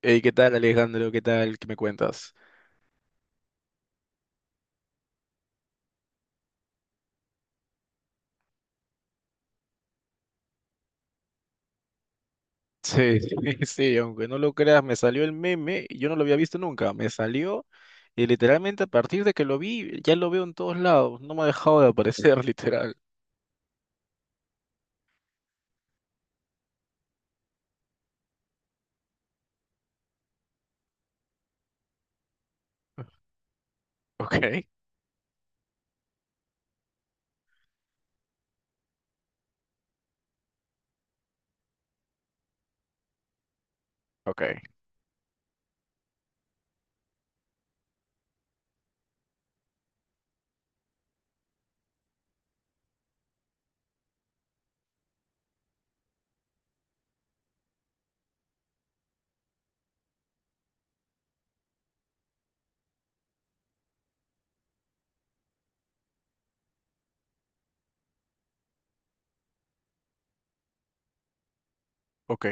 Hey, ¿qué tal, Alejandro? ¿Qué tal? ¿Qué me cuentas? Sí, sí, sí, aunque no lo creas, me salió el meme, y yo no lo había visto nunca, me salió y literalmente a partir de que lo vi, ya lo veo en todos lados, no me ha dejado de aparecer, literal. Ok, ok, ok.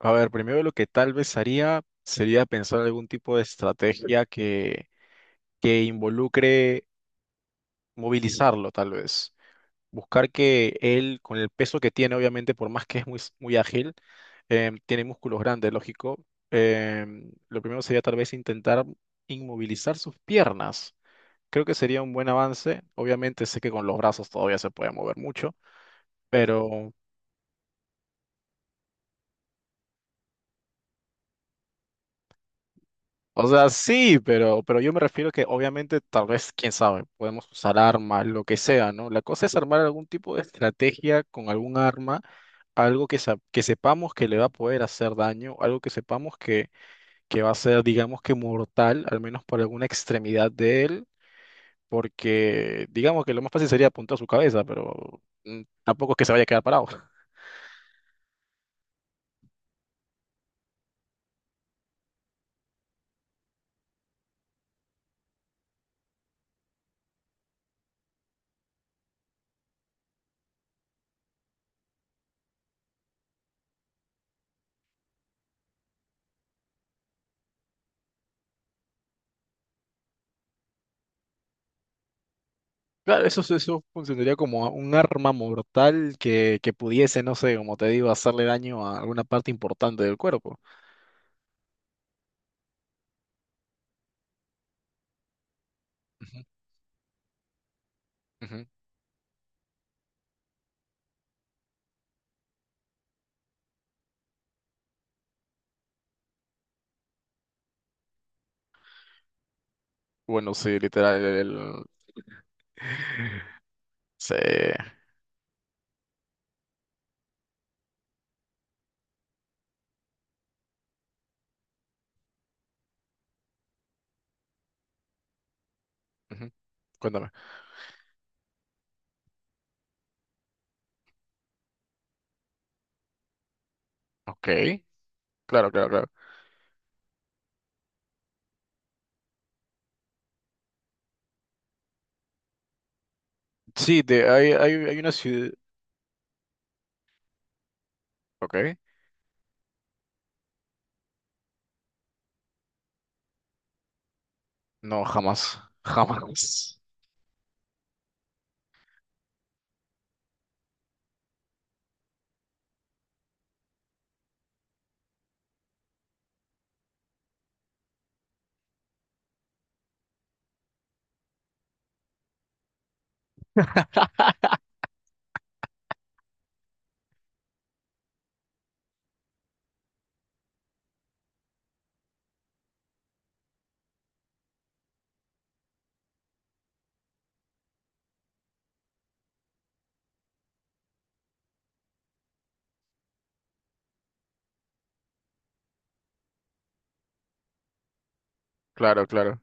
A ver, primero lo que tal vez haría sería pensar algún tipo de estrategia que involucre movilizarlo, tal vez. Buscar que él, con el peso que tiene, obviamente, por más que es muy, muy ágil, tiene músculos grandes, lógico. Lo primero sería tal vez intentar inmovilizar sus piernas. Creo que sería un buen avance. Obviamente sé que con los brazos todavía se puede mover mucho, pero, o sea, sí, pero yo me refiero que obviamente tal vez, quién sabe, podemos usar armas, lo que sea, ¿no? La cosa es armar algún tipo de estrategia con algún arma, algo que, que sepamos que le va a poder hacer daño, algo que sepamos que va a ser, digamos que mortal, al menos por alguna extremidad de él, porque digamos que lo más fácil sería apuntar a su cabeza, pero tampoco es que se vaya a quedar parado. Claro, eso funcionaría como un arma mortal que pudiese, no sé, como te digo, hacerle daño a alguna parte importante del cuerpo. Ujú, ujú. Bueno, sí, literal. Sí. Ujú. Cuéntame. Ok. Claro, claro, claro. Sí, hay una ciudad. Ok. No, jamás. Jamás. Claro, claro.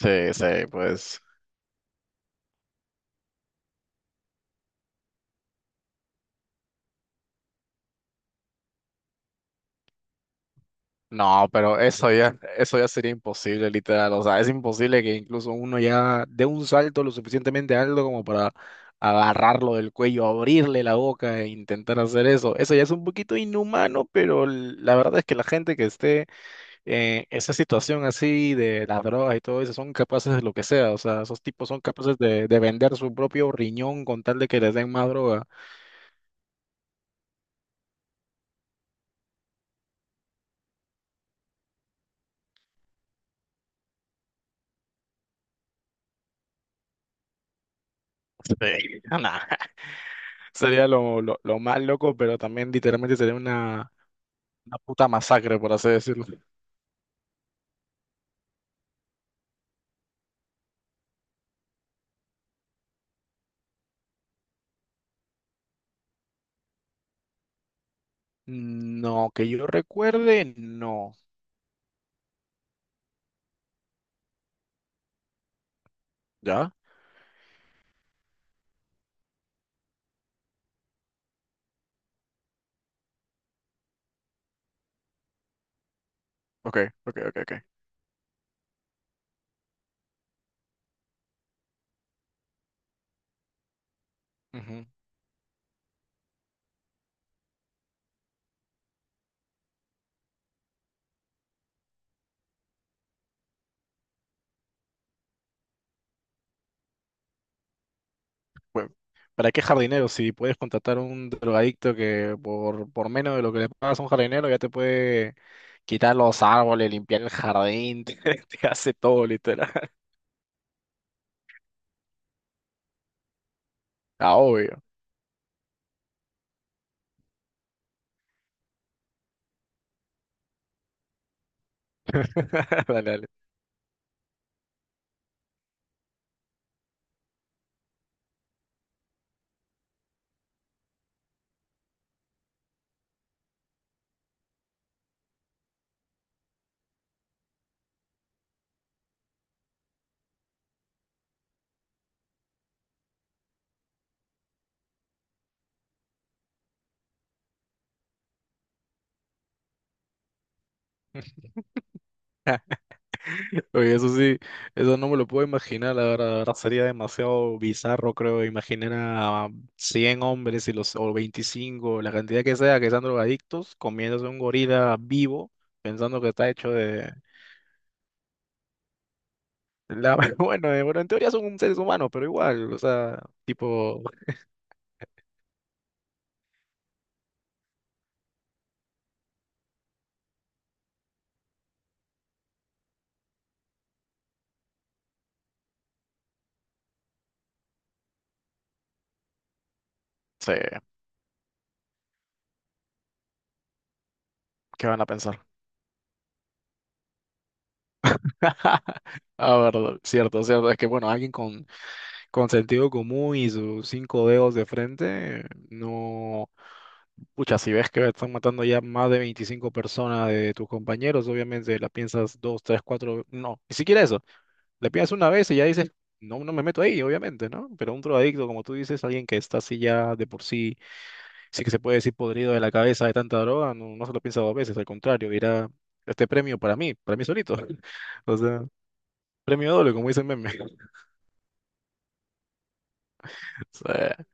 Sí, sí, pues no, pero eso ya sería imposible, literal. O sea, es imposible que incluso uno ya dé un salto lo suficientemente alto como para agarrarlo del cuello, abrirle la boca e intentar hacer eso. Eso ya es un poquito inhumano, pero la verdad es que la gente que esté en esa situación así de las drogas y todo eso son capaces de lo que sea. O sea, esos tipos son capaces de vender su propio riñón con tal de que les den más droga. Sí, nah. Sería lo más loco, pero también literalmente sería una puta masacre, por así decirlo. No, que yo recuerde, no. ¿Ya? Ok, ok, ok, ok. Ujú. Bueno, ¿para qué jardinero? Si puedes contratar a un drogadicto que por menos de lo que le pagas a un jardinero ya te puede quitar los árboles, limpiar el jardín, te hace todo, literal. Ah, obvio. Dale, dale. Oye, eso sí, eso no me lo puedo imaginar, la verdad sería demasiado bizarro, creo, imaginar a 100 hombres y o 25, la cantidad que sea, que sean drogadictos, comiéndose un gorila vivo, pensando que está hecho de. Bueno, en teoría son seres humanos, pero igual, o sea, tipo, no sé, ¿qué van a pensar? Ah, verdad, cierto, cierto, es que bueno, alguien con sentido común y sus cinco dedos de frente, no. Pucha, si ves que están matando ya más de 25 personas de tus compañeros, obviamente la piensas dos, tres, cuatro, no, ni siquiera eso. Le piensas una vez y ya dices, no, no me meto ahí, obviamente, ¿no? Pero un drogadicto, como tú dices, alguien que está así ya de por sí, sí que se puede decir podrido de la cabeza de tanta droga, no, no se lo piensa dos veces, al contrario, dirá, este premio para mí solito. O sea, premio doble, como dice el meme. Sí.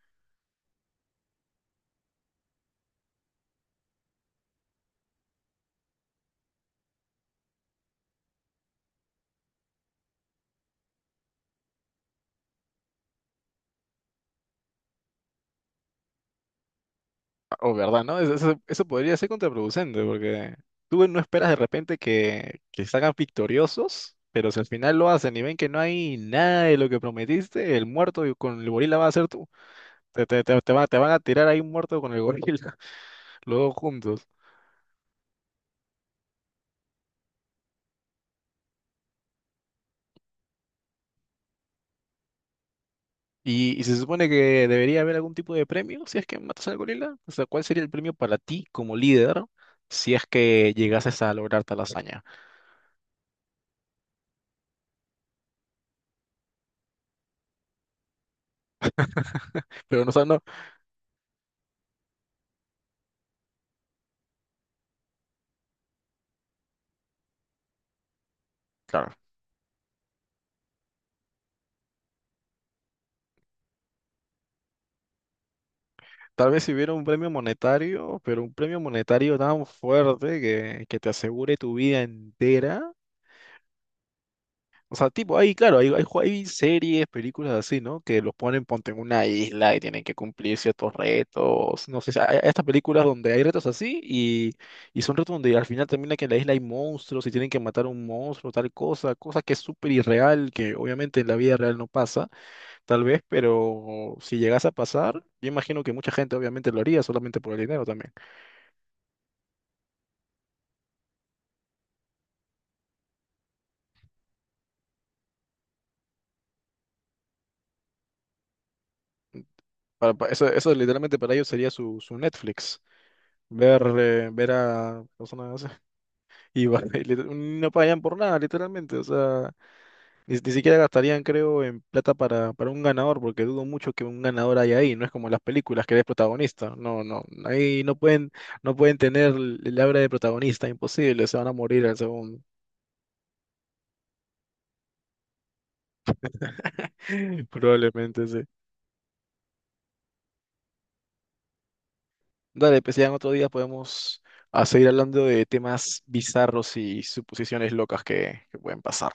O verdad, ¿no? Eso podría ser contraproducente, porque tú bueno, no esperas de repente que salgan victoriosos, pero si al final lo hacen y ven que no hay nada de lo que prometiste, el muerto y con el gorila va a ser tú. Te van a tirar ahí un muerto con el gorila, los dos juntos. Y se supone que debería haber algún tipo de premio si es que matas al gorila. O sea, ¿cuál sería el premio para ti como líder si es que llegases a lograr tal hazaña? Pero no, o sea, no. Claro, tal vez si hubiera un premio monetario, pero un premio monetario tan fuerte que, te asegure tu vida entera. O sea, tipo, ahí, claro, hay series, películas así, ¿no? Que los ponen, ponte en una isla y tienen que cumplir ciertos retos. No sé, hay estas películas donde hay retos así y son retos donde al final termina que en la isla hay monstruos y tienen que matar a un monstruo, tal cosa, cosa que es súper irreal, que obviamente en la vida real no pasa, tal vez, pero si llegase a pasar, yo imagino que mucha gente obviamente lo haría solamente por el dinero también. Eso literalmente para ellos sería su Netflix. Ver a personas así. Y va- y lit- no pagan por nada, literalmente. O sea, ni siquiera gastarían, creo, en plata para un ganador, porque dudo mucho que un ganador haya ahí. No es como en las películas que eres protagonista. No, no. Ahí no pueden tener el aura de protagonista, imposible. Se van a morir al segundo. Probablemente, sí. Dale, pues ya en otro día podemos a seguir hablando de temas bizarros y suposiciones locas que pueden pasar.